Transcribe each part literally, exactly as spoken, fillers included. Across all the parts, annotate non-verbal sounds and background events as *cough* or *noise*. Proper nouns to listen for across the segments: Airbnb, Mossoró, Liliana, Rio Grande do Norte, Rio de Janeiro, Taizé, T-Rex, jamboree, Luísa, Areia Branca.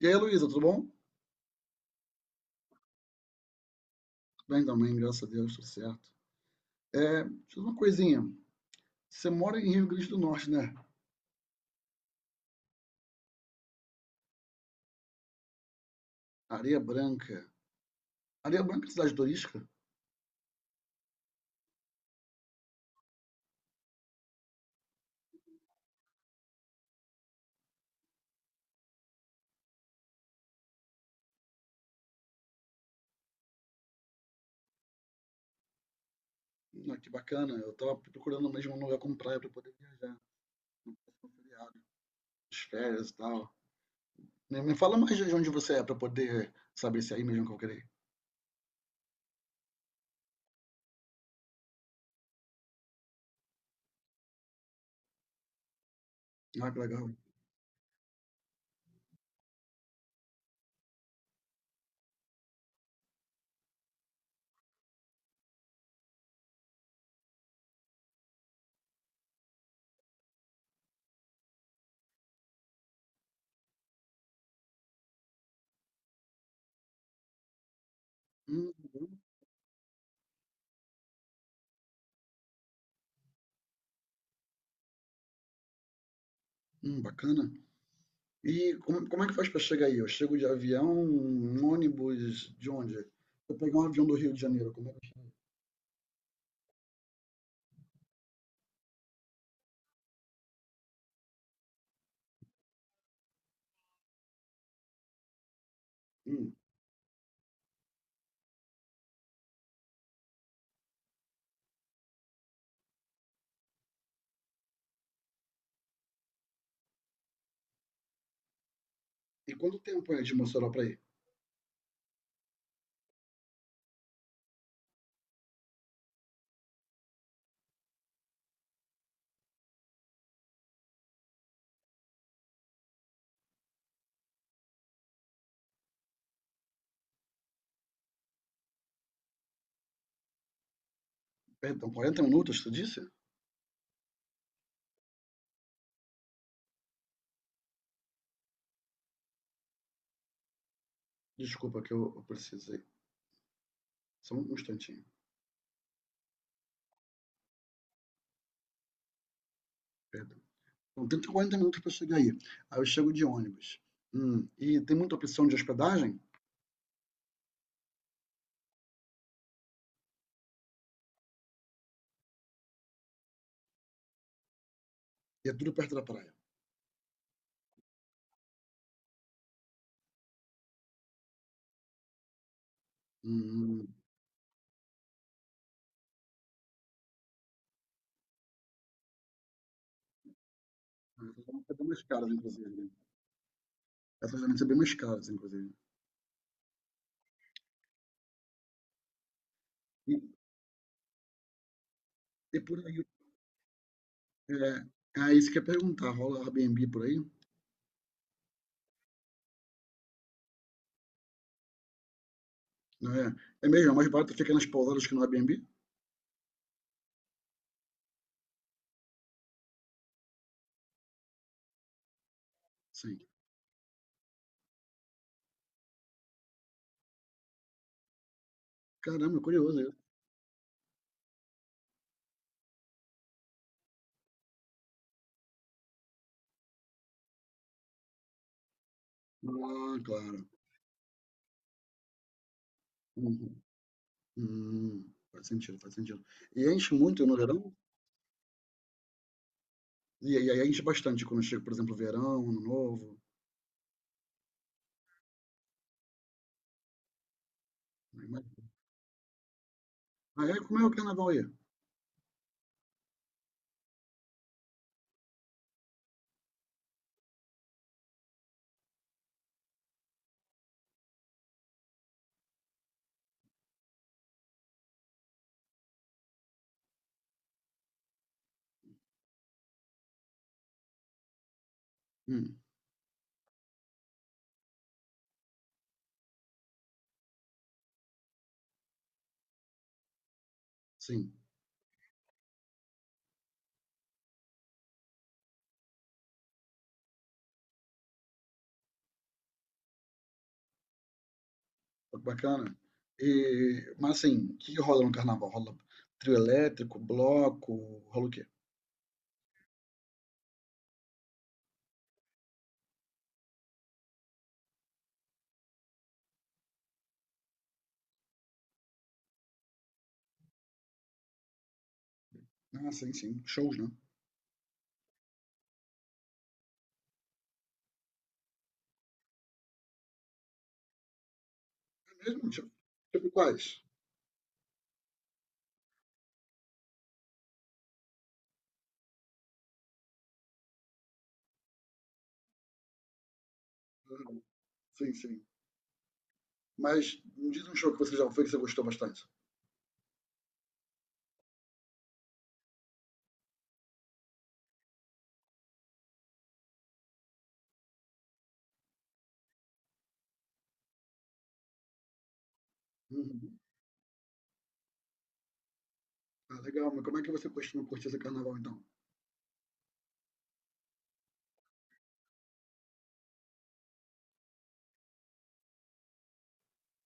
E aí, Luísa, tudo bom? Tudo bem também, graças a Deus, tudo certo. É, deixa eu uma coisinha. Você mora em Rio Grande do Norte, né? Areia Branca. Areia Branca é cidade turística? Hum, Ah, que bacana. Eu tava procurando mesmo um lugar com praia para poder viajar, no feriado, nas férias e tal. Me, me fala mais de onde você é para poder saber se é aí mesmo que eu queria. Ah, que legal. Hum, hum, bacana. E como, como é que faz para chegar aí? Eu chego de avião, um ônibus, de onde? Eu pegar um avião do Rio de Janeiro, como é que eu chego? E quanto tempo é de Mossoró para ir? Perdão, quarenta minutos, tu disse? Desculpa que eu, eu precisei. Só um instantinho, perdão. Então, trinta, quarenta minutos para chegar aí. Aí eu chego de ônibus. Hum, e tem muita opção de hospedagem? E é tudo perto da praia. Hum, hum, hum. Essas vão ser bem mais caras, inclusive. Essas vão ser bem mais caras, inclusive. E, e por aí, é, ah, isso que eu ia perguntar, rola Airbnb por aí? Não é? É mesmo, é mais barato ficar nas pousadas que no Airbnb? Sim. Caramba, curioso isso. Ah, claro. Uhum. Hum, faz sentido, faz sentido. E enche muito no verão? E aí aí enche bastante quando chega, por exemplo, verão, ano novo. Né, mas- ah, é? Como é o carnaval aí? Hum, sim, bacana. E, mas assim, o que que rola no carnaval? Rola trio elétrico, bloco, rola o quê? Ah, sim, sim, shows, né? É mesmo? Tipo, tipo quais? Ah, sim, sim. Mas me diz um show que você já foi que você gostou bastante. Uhum. Ah, legal, mas como é que você costuma curtir esse carnaval então?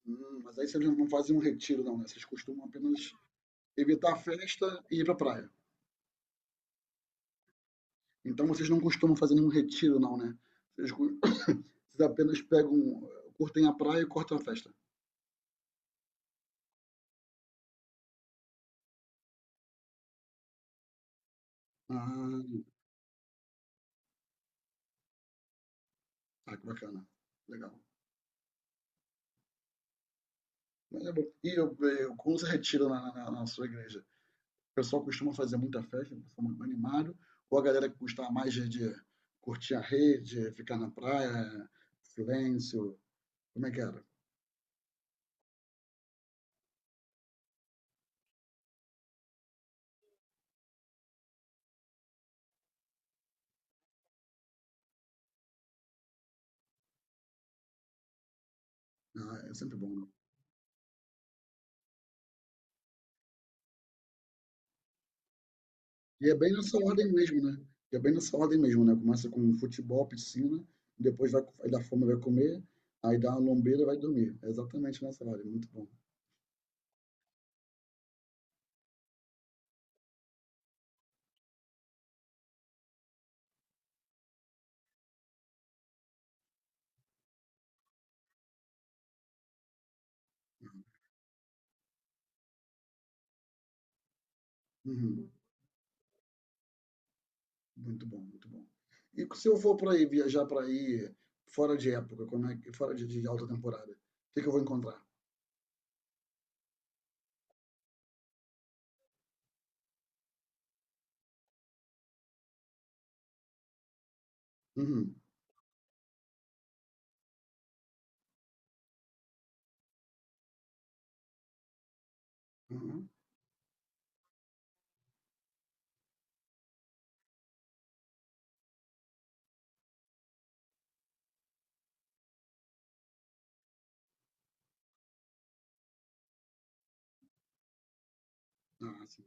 Hum, mas aí vocês não fazem um retiro, não, né? Vocês costumam apenas evitar a festa e ir pra praia. Então vocês não costumam fazer nenhum retiro, não, né? Vocês, cu- *coughs* vocês apenas pegam, curtem a praia e cortam a festa. Ah, ah, que bacana. Legal. Mas é bom. E eu, eu, como você retira na, na- na sua igreja? O pessoal costuma fazer muita festa, o pessoal muito animado, ou a galera que costuma mais de, de curtir a rede, ficar na praia, silêncio, como é que era? Ah, é sempre bom, né? E é bem nessa ordem mesmo, né? E é bem nessa ordem mesmo, né? Começa com futebol, piscina, depois vai, vai dar fome, vai comer, aí dá uma lombeira e vai dormir. É exatamente nessa ordem, muito bom. Uhum. Muito bom, muito bom. E se eu for para aí, viajar para aí, fora de época, como é que, fora de, de alta temporada, o que que eu vou encontrar? Uhum. Uhum. Ah, sim.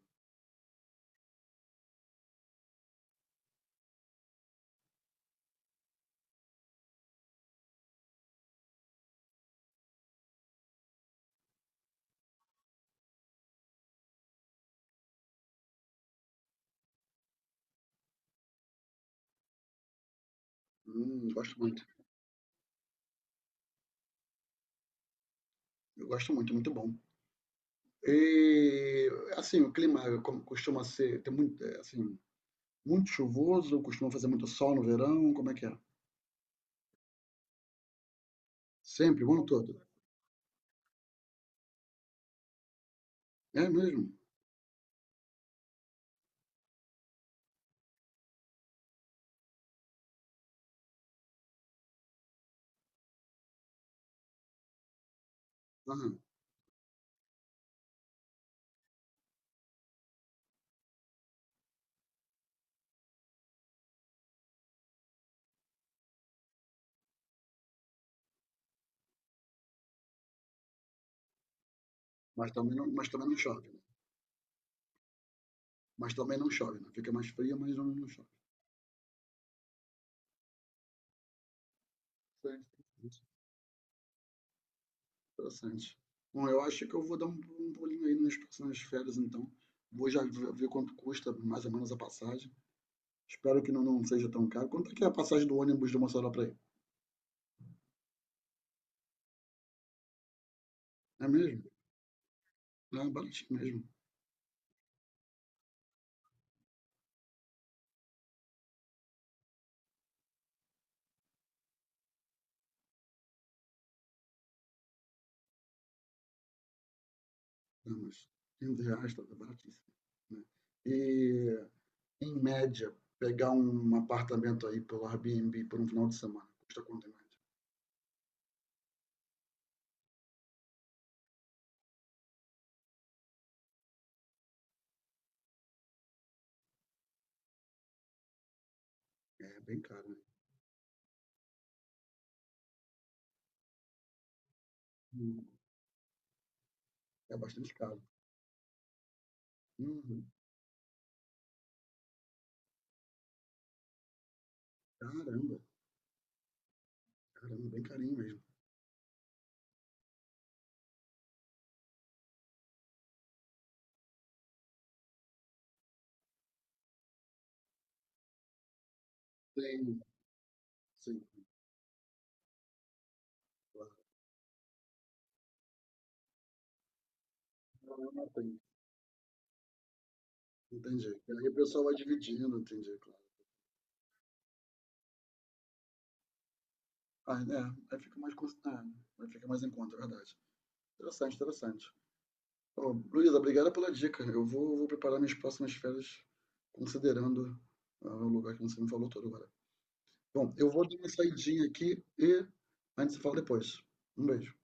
Hum, gosto muito. Eu gosto muito, muito bom. E, assim, o clima é como costuma ser, tem muito, é, assim, muito chuvoso, costuma fazer muito sol no verão, como é que é? Sempre, o ano todo. É mesmo? Aham. Mas também não, mas também não chove, né? Mas também não chove, né? Fica mais fria, mas não, não chove. Certo, interessante. Bom, eu acho que eu vou dar um, um pulinho aí nas próximas férias, então. Vou já ver, ver quanto custa mais ou menos a passagem. Espero que não, não seja tão caro. Quanto é que é a passagem do ônibus de Mossoró para aí? É mesmo? É baratinho mesmo. É, mas quinze reais, tá baratíssimo, né? E em média, pegar um apartamento aí pelo Airbnb por um final de semana, custa quanto em média? É bem caro, né? Hum, é bastante caro. Uhum. Caramba, caramba, bem carinho mesmo. Tem, sim, claro. Ah, tem. Entendi. E aí o pessoal vai dividindo, entendi, claro. Ah, é, aí fica mais, cons- ah, aí fica mais em conta, é verdade. Interessante, interessante. Ô, Luísa, obrigado pela dica. Eu vou, vou preparar minhas próximas férias considerando ah, o lugar que você me falou todo agora. Bom, eu vou dar uma saidinha aqui e a gente se fala depois. Um beijo.